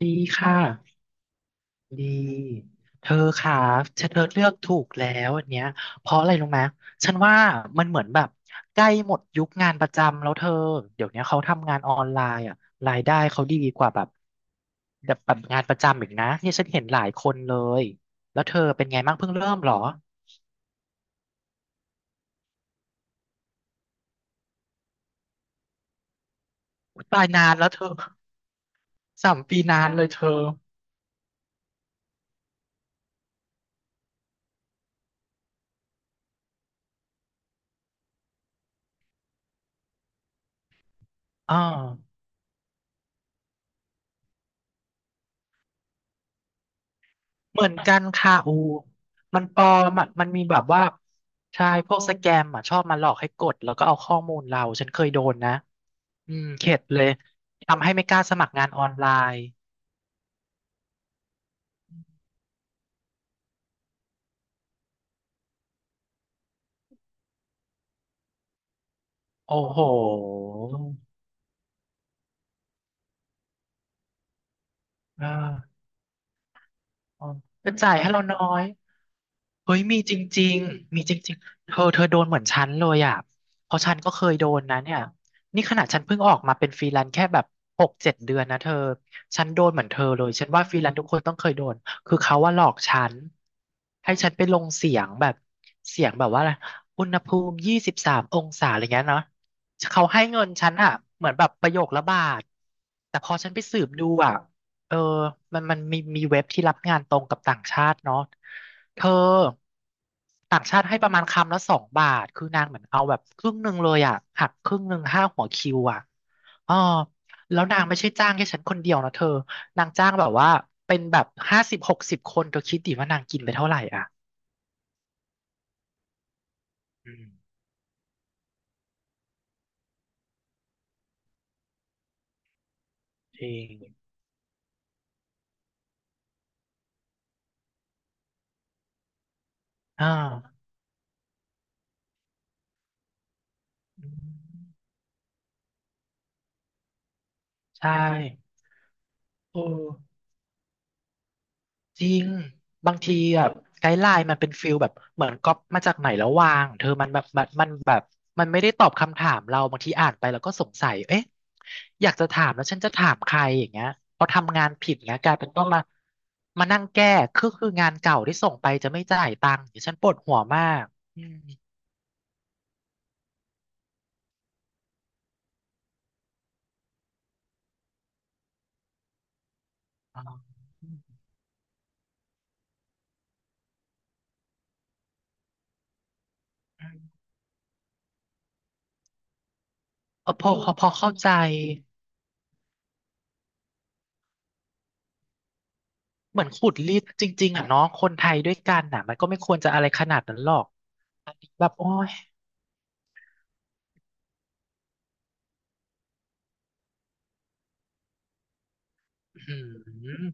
ดีค่ะดีเธอค่ะฉันเธอเลือกถูกแล้วอันเนี้ยเพราะอะไรรู้ไหมฉันว่ามันเหมือนแบบใกล้หมดยุคงานประจำแล้วเธอเดี๋ยวเนี้ยเขาทำงานออนไลน์อ่ะรายได้เขาดีกว่าแบบแบบงานประจำอีกนะเนี่ยฉันเห็นหลายคนเลยแล้วเธอเป็นไงบ้างเพิ่งเริ่มเหรออุ๊ยตายนานแล้วเธอ3 ปีนานเลยเธออ่า เหมือนกันค่ะอูมันปลอมอะมันมีแบบว่าใช่พวกสแกมอ่ะชอบมาหลอกให้กดแล้วก็เอาข้อมูลเราฉันเคยโดนนะอืมเข็ดเลยทำให้ไม่กล้าสมัครงานออนไลน์โอ้โหเออจะจ่ายให้เราน้อย เฮ้ยมีจริงๆมีจริงๆเธอเธอโดนเหมือนฉันเลยอ่ะเพราะฉันก็เคยโดนนะเนี่ยนี่ขนาดฉันเพิ่งออกมาเป็นฟรีแลนซ์แค่แบบ6-7 เดือนนะเธอฉันโดนเหมือนเธอเลยฉันว่าฟรีแลนซ์ทุกคนต้องเคยโดนคือเขาว่าหลอกฉันให้ฉันไปลงเสียงแบบเสียงแบบว่าอะไรอุณหภูมิ23 องศาอะไรเงี้ยเนาะเขาให้เงินฉันอ่ะเหมือนแบบประโยคละบาทแต่พอฉันไปสืบดูอ่ะ เออมันมีมีเว็บที่รับงานตรงกับต่างชาติเนาะเธอต่างชาติให้ประมาณคำละ2 บาทคือนางเหมือนเอาแบบครึ่งหนึ่งเลยอ่ะหักครึ่งหนึ่งห้าหัวคิวอ่ะอ๋อแล้วนางไม่ใช่จ้างแค่ฉันคนเดียวนะเธอ นางจ้างแบบว่าเป็นแบบ50-60 คนเธอคิดดิว่านางกินไปเท่าไหร่อ่ะอืมจริงอ่าอืมใช่โอ้ จริงบางทีแบบไกด์ไลน์มันเป็นฟิลแบบเหมือนก๊อปมาจากไหนแล้ววางเธอมันแบบมันแบบมันไม่ได้ตอบคำถามเราบางทีอ่านไปแล้วก็สงสัยเอ๊ะอยากจะถามแล้วฉันจะถามใครอย่างเงี้ยพอทำงานผิดเงี้ยกลายเป็นต้องมานั่งแก้คืองานเก่าที่ส่งไปจะไม่จ่ายตังค์เดี๋ยวฉันปวดหัวมากอืมอ๋ออืมเออพอเข้าใจเหมือนขุดรีดจริงๆอ่ะเนาะคนไทยด้วยกันน่ะมันก็ไม่ควรจะอะไรขนาดนั้นหรอกแบบโอ้ย อืม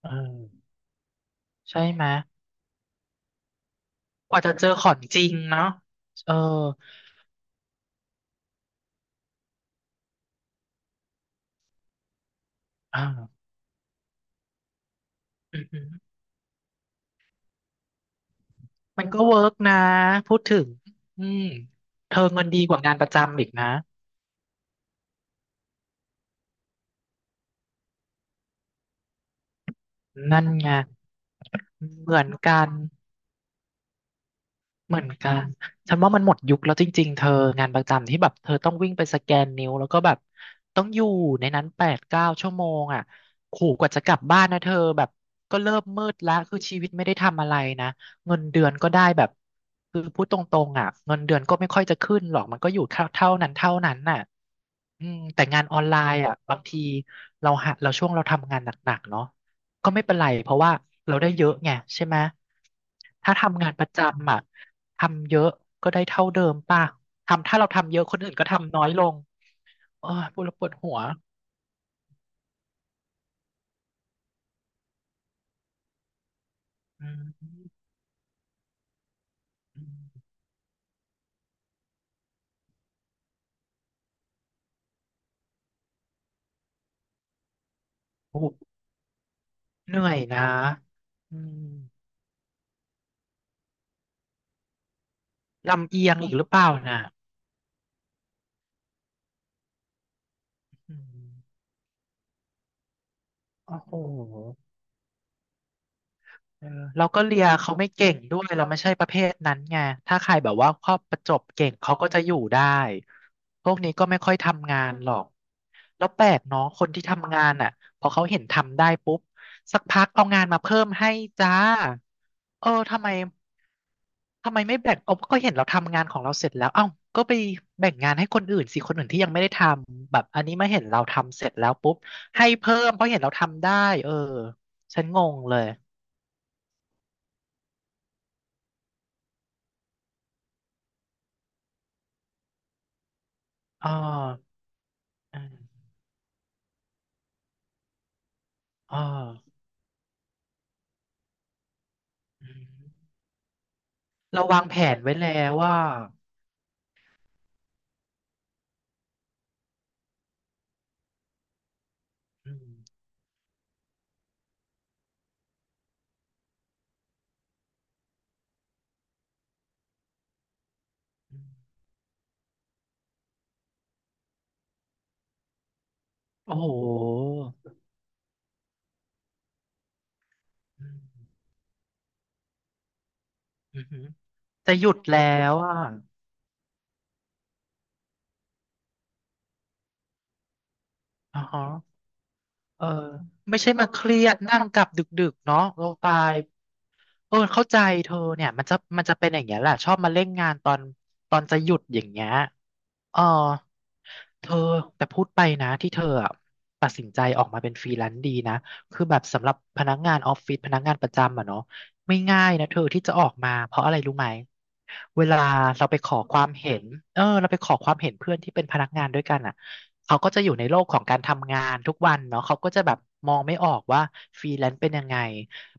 เออใช่ไหมกว่าจะเจอของจริงเนาะเอออ่าอืมๆมันก็เวิร์กนะพูดถึงอืมเธอเงินดีกว่างานประจำอีกนะนั่นไงเหมือนกัน เหมือนกัน ฉันว่ามันหมดยุคแล้วจริงๆ เธองานประจำที่แบบเธอต้องวิ่งไปสแกนนิ้วแล้วก็แบบต้องอยู่ในนั้น8-9 ชั่วโมงอ่ะขู่กว่าจะกลับบ้านนะเธอแบบก็เริ่มมืดละคือชีวิตไม่ได้ทำอะไรนะเงินเดือนก็ได้แบบคือพูดตรงๆอ่ะเงินเดือนก็ไม่ค่อยจะขึ้นหรอกมันก็อยู่เท่าเท่านั้นเท่านั้นน่ะอืมแต่งานออนไลน์อ่ะบางทีเราหาเราช่วงเราทำงานหนักๆเนาะก็ไม่เป็นไรเพราะว่าเราได้เยอะไงใช่ไหมถ้าทำงานประจำอ่ะ ทำเยอะก็ได้เท่าเดิมป่ะทำถ้าเราทำเยอะคนอื่นก็ทำน้อยลงโอ้ยปวดปวดหัวอืมอืมโอ้เหนื่อยนะอืมลำเอียงอีกหรือเปล่านะอืมโอ้โห เออเราก็เลียเขาไม่เก่งด้วยเราไม่ใช่ประเภทนั้นไงถ้าใครแบบว่าครอบประจบเก่งเขาก็จะอยู่ได้พวกนี้ก็ไม่ค่อยทำงานหรอกแล้วแปลกเนาะคนที่ทำงานอ่ะพอเขาเห็นทำได้ปุ๊บสักพักเอางานมาเพิ่มให้จ้าเออทำไมทำไมไม่แบ่งเอาก็เห็นเราทำงานของเราเสร็จแล้วเอ้าก็ไปแบ่งงานให้คนอื่นสิคนอื่นที่ยังไม่ได้ทำแบบอันนี้มาเห็นเราทำเสร็จแล้วปุ๊บให้เพิ่มเพราะเห็นเราทำได้เออฉันงงเลย อ่าอ่าอ่าอืมเราวางแผนไว้แล้วว่าอืมอืมโอ้โหอืมอือหือจะหยุดแล้วอ่ะอ๋อฮะเออไม่ใช่มาเครียดนั่งกลับดึกๆเนาะเราตายเออเข้าใจเธอเนี่ยมันจะมันจะเป็นอย่างเงี้ยแหละชอบมาเล่นงานตอนจะหยุดอย่างเงี้ย เออเธอแต่พูดไปนะที่เธออะตัดสินใจออกมาเป็นฟรีแลนซ์ดีนะคือแบบสำหรับพนักงานออฟฟิศพนักงานประจำอะเนาะไม่ง่ายนะเธอที่จะออกมาเพราะอะไรรู้ไหมเวลาเราไปขอความเห็นเออเราไปขอความเห็นเพื่อนที่เป็นพนักงานด้วยกันอ่ะเขาก็จะอยู่ในโลกของการทำงานทุกวันเนาะเขาก็จะแบบมองไม่ออกว่าฟรีแลนซ์เป็นยังไง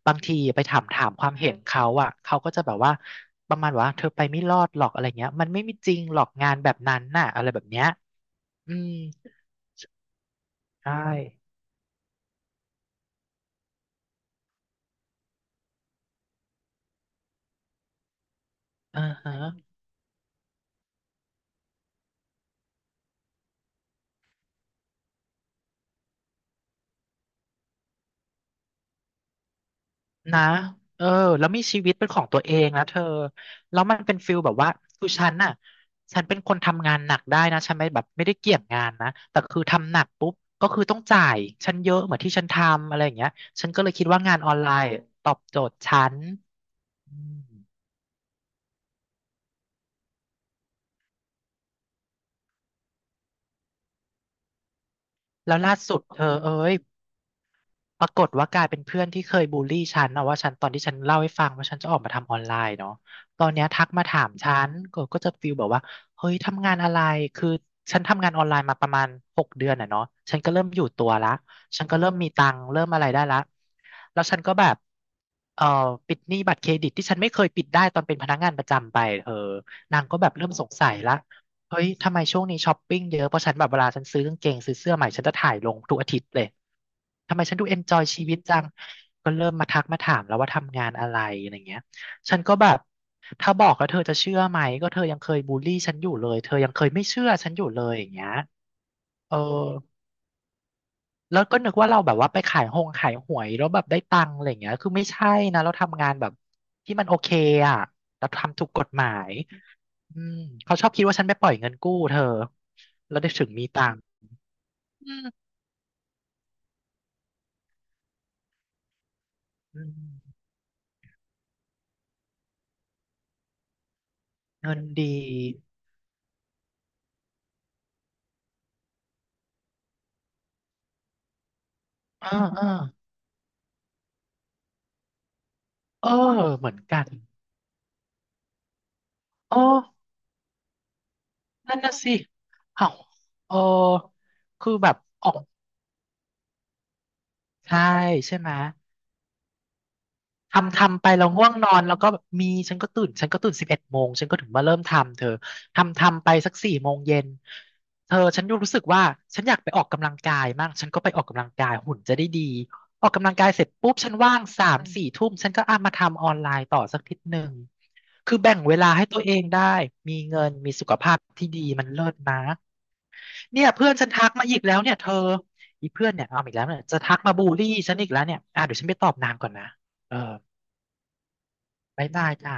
บางทีไปถามความเห็นเขาอ่ะเขาก็จะแบบว่าประมาณว่าเธอไปไม่รอดหรอกอะไรเงี้ยมันไม่มีจริงหรอกงานแบบนั้นน่ะอะไรแบบเนี้ยอืมใช่อ่าฮะนะเออแล้วมีชีวิตเป็นของตัวเองนะเธอแล้วมันเป็นฟิลแบบว่าคือฉันน่ะฉันเป็นคนทำงานหนักได้นะฉันไม่แบบไม่ได้เกี่ยงงานนะแต่คือทำหนักปุ๊บก็คือต้องจ่ายฉันเยอะเหมือนที่ฉันทำอะไรอย่างเงี้ยฉันก็เลยคิดว่างานออนไลน์ตอบโจทย์ฉันอืมแล้วล่าสุดเธอเอ้ย ปรากฏว่ากลายเป็นเพื่อนที่เคยบูลลี่ฉันเอาว่าฉันตอนที่ฉันเล่าให้ฟังว่าฉันจะออกมาทำออนไลน์เนาะตอนเนี้ยทักมาถามฉันก็จะฟีลแบบว่าเฮ้ยทำงานอะไรคือฉันทำงานออนไลน์มาประมาณ6 เดือนอ่ะเนาะฉันก็เริ่มอยู่ตัวละฉันก็เริ่มมีตังค์เริ่มอะไรได้ละแล้วฉันก็แบบเอ่อปิดหนี้บัตรเครดิตที่ฉันไม่เคยปิดได้ตอนเป็นพนักงานประจำไปเธอนางก็แบบเริ่มสงสัยละเฮ้ยทำไมช่วงนี้ช้อปปิ้งเยอะเพราะฉันแบบเวลาฉันซื้อกางเกงซื้อเสื้อใหม่ฉันจะถ่ายลงทุกอาทิตย์เลย ทำไมฉันดูเอนจอยชีวิตจังก็เริ่มมาทักมาถามแล้วว่าทำงานอะไรอะไรเงี้ยฉันก็แบบถ้าบอกแล้วเธอจะเชื่อไหมก็เธอยังเคยบูลลี่ฉันอยู่เลยเธอยังเคยไม่เชื่อฉันอยู่เลยอย่างเงี้ยเออแล้วก็นึกว่าเราแบบว่าไปขายหงขายหวยแล้วแบบได้ตังค์อะไรเงี้ยคือไม่ใช่นะเราทำงานแบบที่มันโอเคอ่ะเราทำถูกกฎหมายอืมเขาชอบคิดว่าฉันไปปล่อยเงินกู้เธอแล้วได้ตังค์อืมอืมเงินดีเออเออเออเหมือนกัน เออนั่นน่ะสิอ้าวเออคือแบบออกใช่ใช่ไหมทำไปเราง่วงนอนแล้วก็แบบมีฉันก็ตื่น11 โมงฉันก็ถึงมาเริ่มทำเธอทำไปสัก4 โมงเย็นเธอฉันยูรู้สึกว่าฉันอยากไปออกกำลังกายมากฉันก็ไปออกกำลังกายหุ่นจะได้ดีออกกำลังกายเสร็จปุ๊บฉันว่าง3-4 ทุ่มฉันก็อ่ะมาทำออนไลน์ต่อสักนิดหนึ่งคือแบ่งเวลาให้ตัวเองได้มีเงินมีสุขภาพที่ดีมันเลิศนะ เนี่ยเพื่อนฉันทักมาอีกแล้วเนี่ยเธออีเพื่อนเนี่ยเอาอีกแล้วเนี่ยจะทักมาบูลลี่ฉันอีกแล้วเนี่ยอ่ะเดี๋ยวฉันไปตอบนางก่อนนะเออบ๊ายบายจ้า